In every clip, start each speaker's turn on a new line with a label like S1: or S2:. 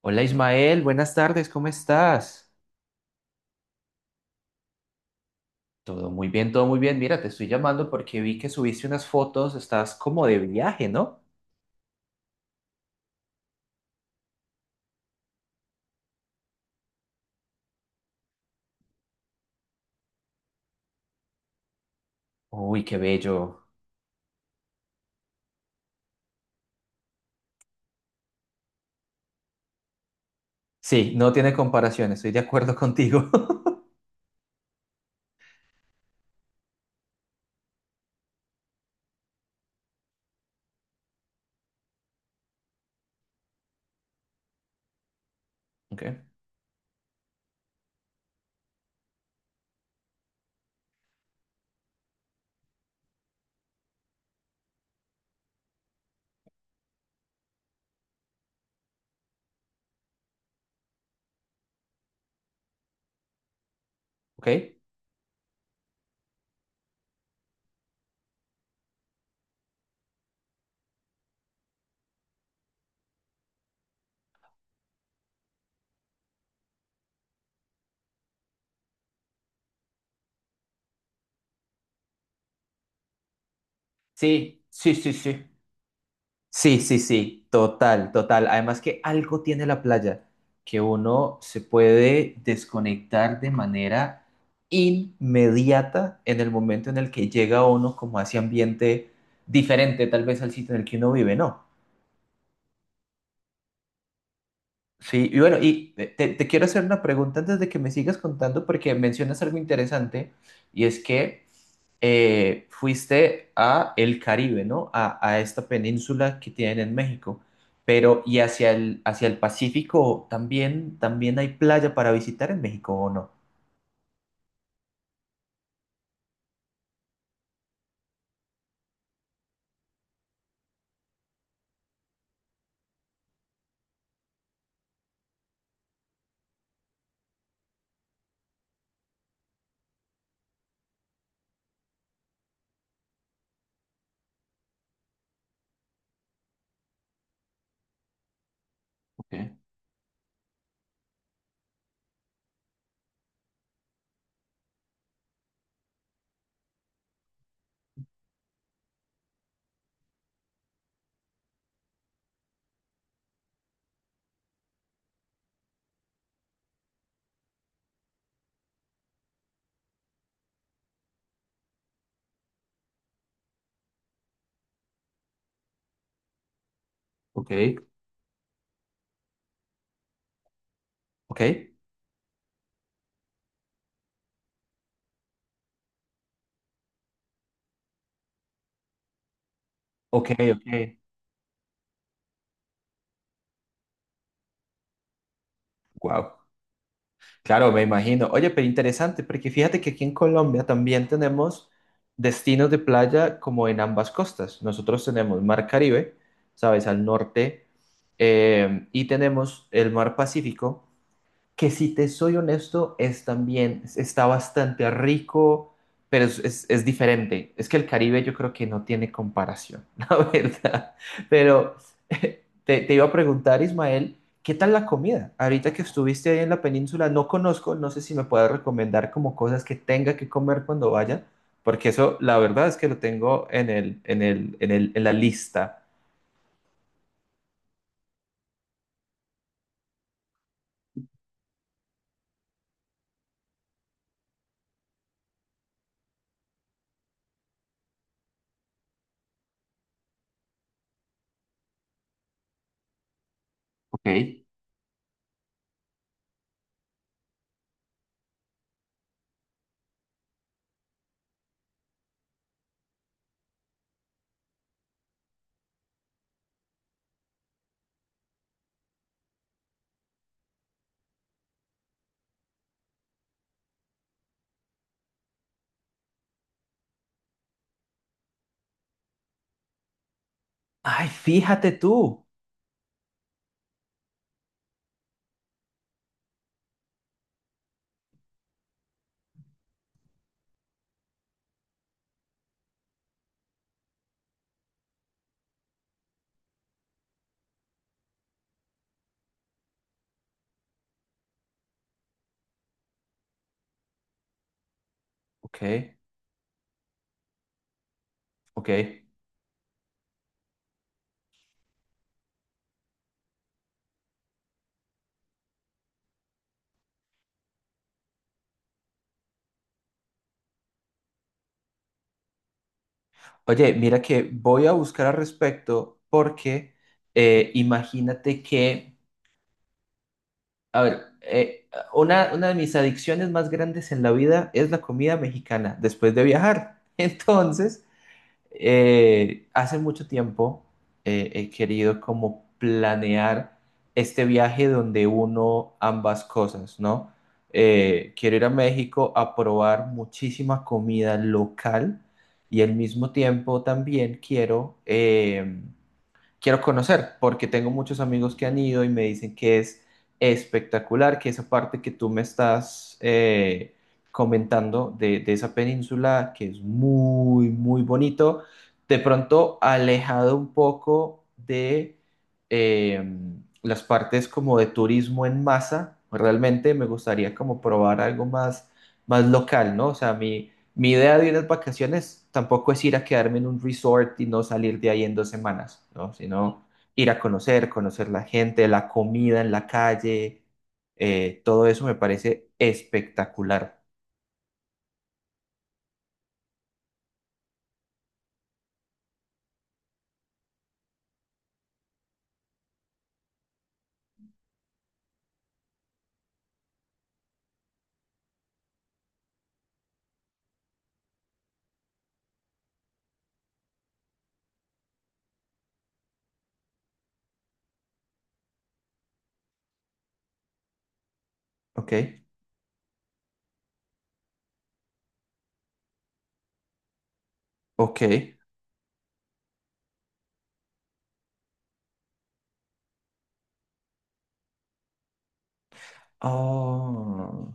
S1: Hola Ismael, buenas tardes, ¿cómo estás? Todo muy bien, todo muy bien. Mira, te estoy llamando porque vi que subiste unas fotos, estás como de viaje, ¿no? Uy, qué bello. Sí, no tiene comparación, estoy de acuerdo contigo. Ok, ok. Sí, sí, sí, sí. Sí, sí, sí, total, total. Además que algo tiene la playa, que uno se puede desconectar de manera inmediata en el momento en el que llega uno como a ese ambiente diferente tal vez al sitio en el que uno vive, ¿no? Sí, y bueno, y te quiero hacer una pregunta antes de que me sigas contando, porque mencionas algo interesante, y es que fuiste a el Caribe, ¿no? A esta península que tienen en México, pero ¿y hacia el Pacífico también, también hay playa para visitar en México o no? Ok, ok. ¿Ok? Ok, ok. Wow. Claro, me imagino. Oye, pero interesante, porque fíjate que aquí en Colombia también tenemos destinos de playa como en ambas costas. Nosotros tenemos Mar Caribe, ¿sabes? Al norte, y tenemos el Mar Pacífico que si te soy honesto, es también, está bastante rico, pero es diferente. Es que el Caribe yo creo que no tiene comparación, la verdad. Pero te iba a preguntar, Ismael, ¿qué tal la comida? Ahorita que estuviste ahí en la península, no conozco, no sé si me puedes recomendar como cosas que tenga que comer cuando vaya, porque eso, la verdad es que lo tengo en en la lista. Ok. Ay, fíjate tú. Ok, ok. Oye, mira que voy a buscar al respecto porque imagínate que, a ver, una de mis adicciones más grandes en la vida es la comida mexicana después de viajar. Entonces, hace mucho tiempo he querido como planear este viaje donde uno ambas cosas, ¿no? Quiero ir a México a probar muchísima comida local y al mismo tiempo también quiero quiero conocer, porque tengo muchos amigos que han ido y me dicen que es espectacular, que esa parte que tú me estás comentando de esa península, que es muy, muy bonito, de pronto alejado un poco de eh, las partes como de turismo en masa, realmente me gustaría como probar algo más, más local, ¿no? O sea, a mí mi idea de unas vacaciones tampoco es ir a quedarme en un resort y no salir de ahí en dos semanas, ¿no? Sino ir a conocer, conocer la gente, la comida en la calle, todo eso me parece espectacular. Ok, ok. Oh,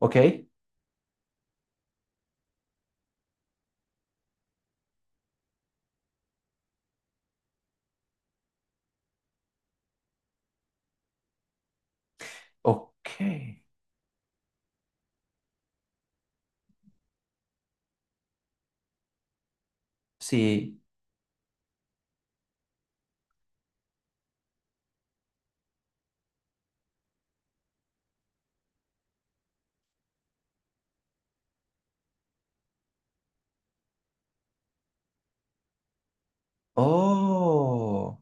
S1: ok, ok. Sí. Oh,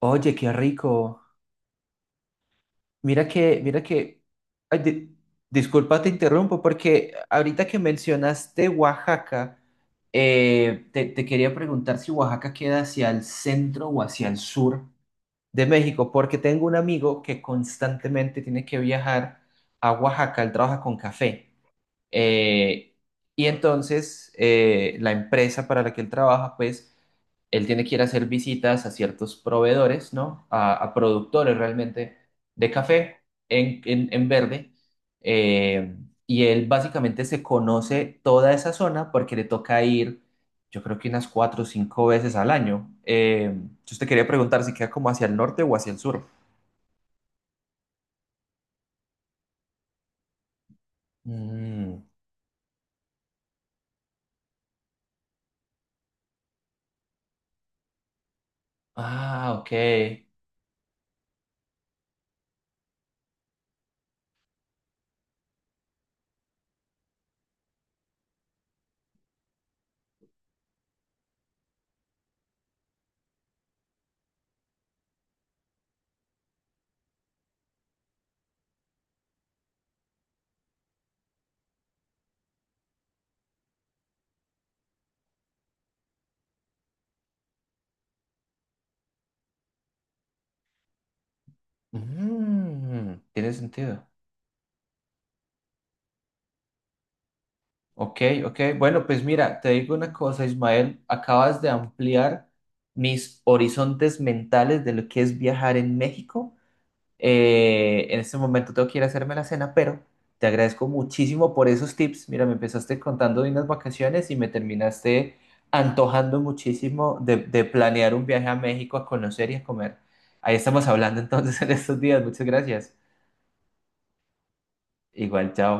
S1: oye, qué rico. Mira que, ay, di- Disculpa, te interrumpo, porque ahorita que mencionaste Oaxaca, te quería preguntar si Oaxaca queda hacia el centro o hacia el sur de México, porque tengo un amigo que constantemente tiene que viajar a Oaxaca, él trabaja con café. Eh, y entonces la empresa para la que él trabaja, pues él tiene que ir a hacer visitas a ciertos proveedores, ¿no? A productores realmente de café en verde. Eh, y él básicamente se conoce toda esa zona porque le toca ir, yo creo que unas cuatro o cinco veces al año. Yo te quería preguntar si queda como hacia el norte o hacia el sur. Mm. Ah, ok. Mm, tiene sentido. Ok, ok. Bueno, pues mira, te digo una cosa, Ismael, acabas de ampliar mis horizontes mentales de lo que es viajar en México. En este momento tengo que ir a hacerme la cena, pero te agradezco muchísimo por esos tips. Mira, me empezaste contando de unas vacaciones y me terminaste antojando muchísimo de planear un viaje a México a conocer y a comer. Ahí estamos hablando entonces en estos días. Muchas gracias. Igual, chao.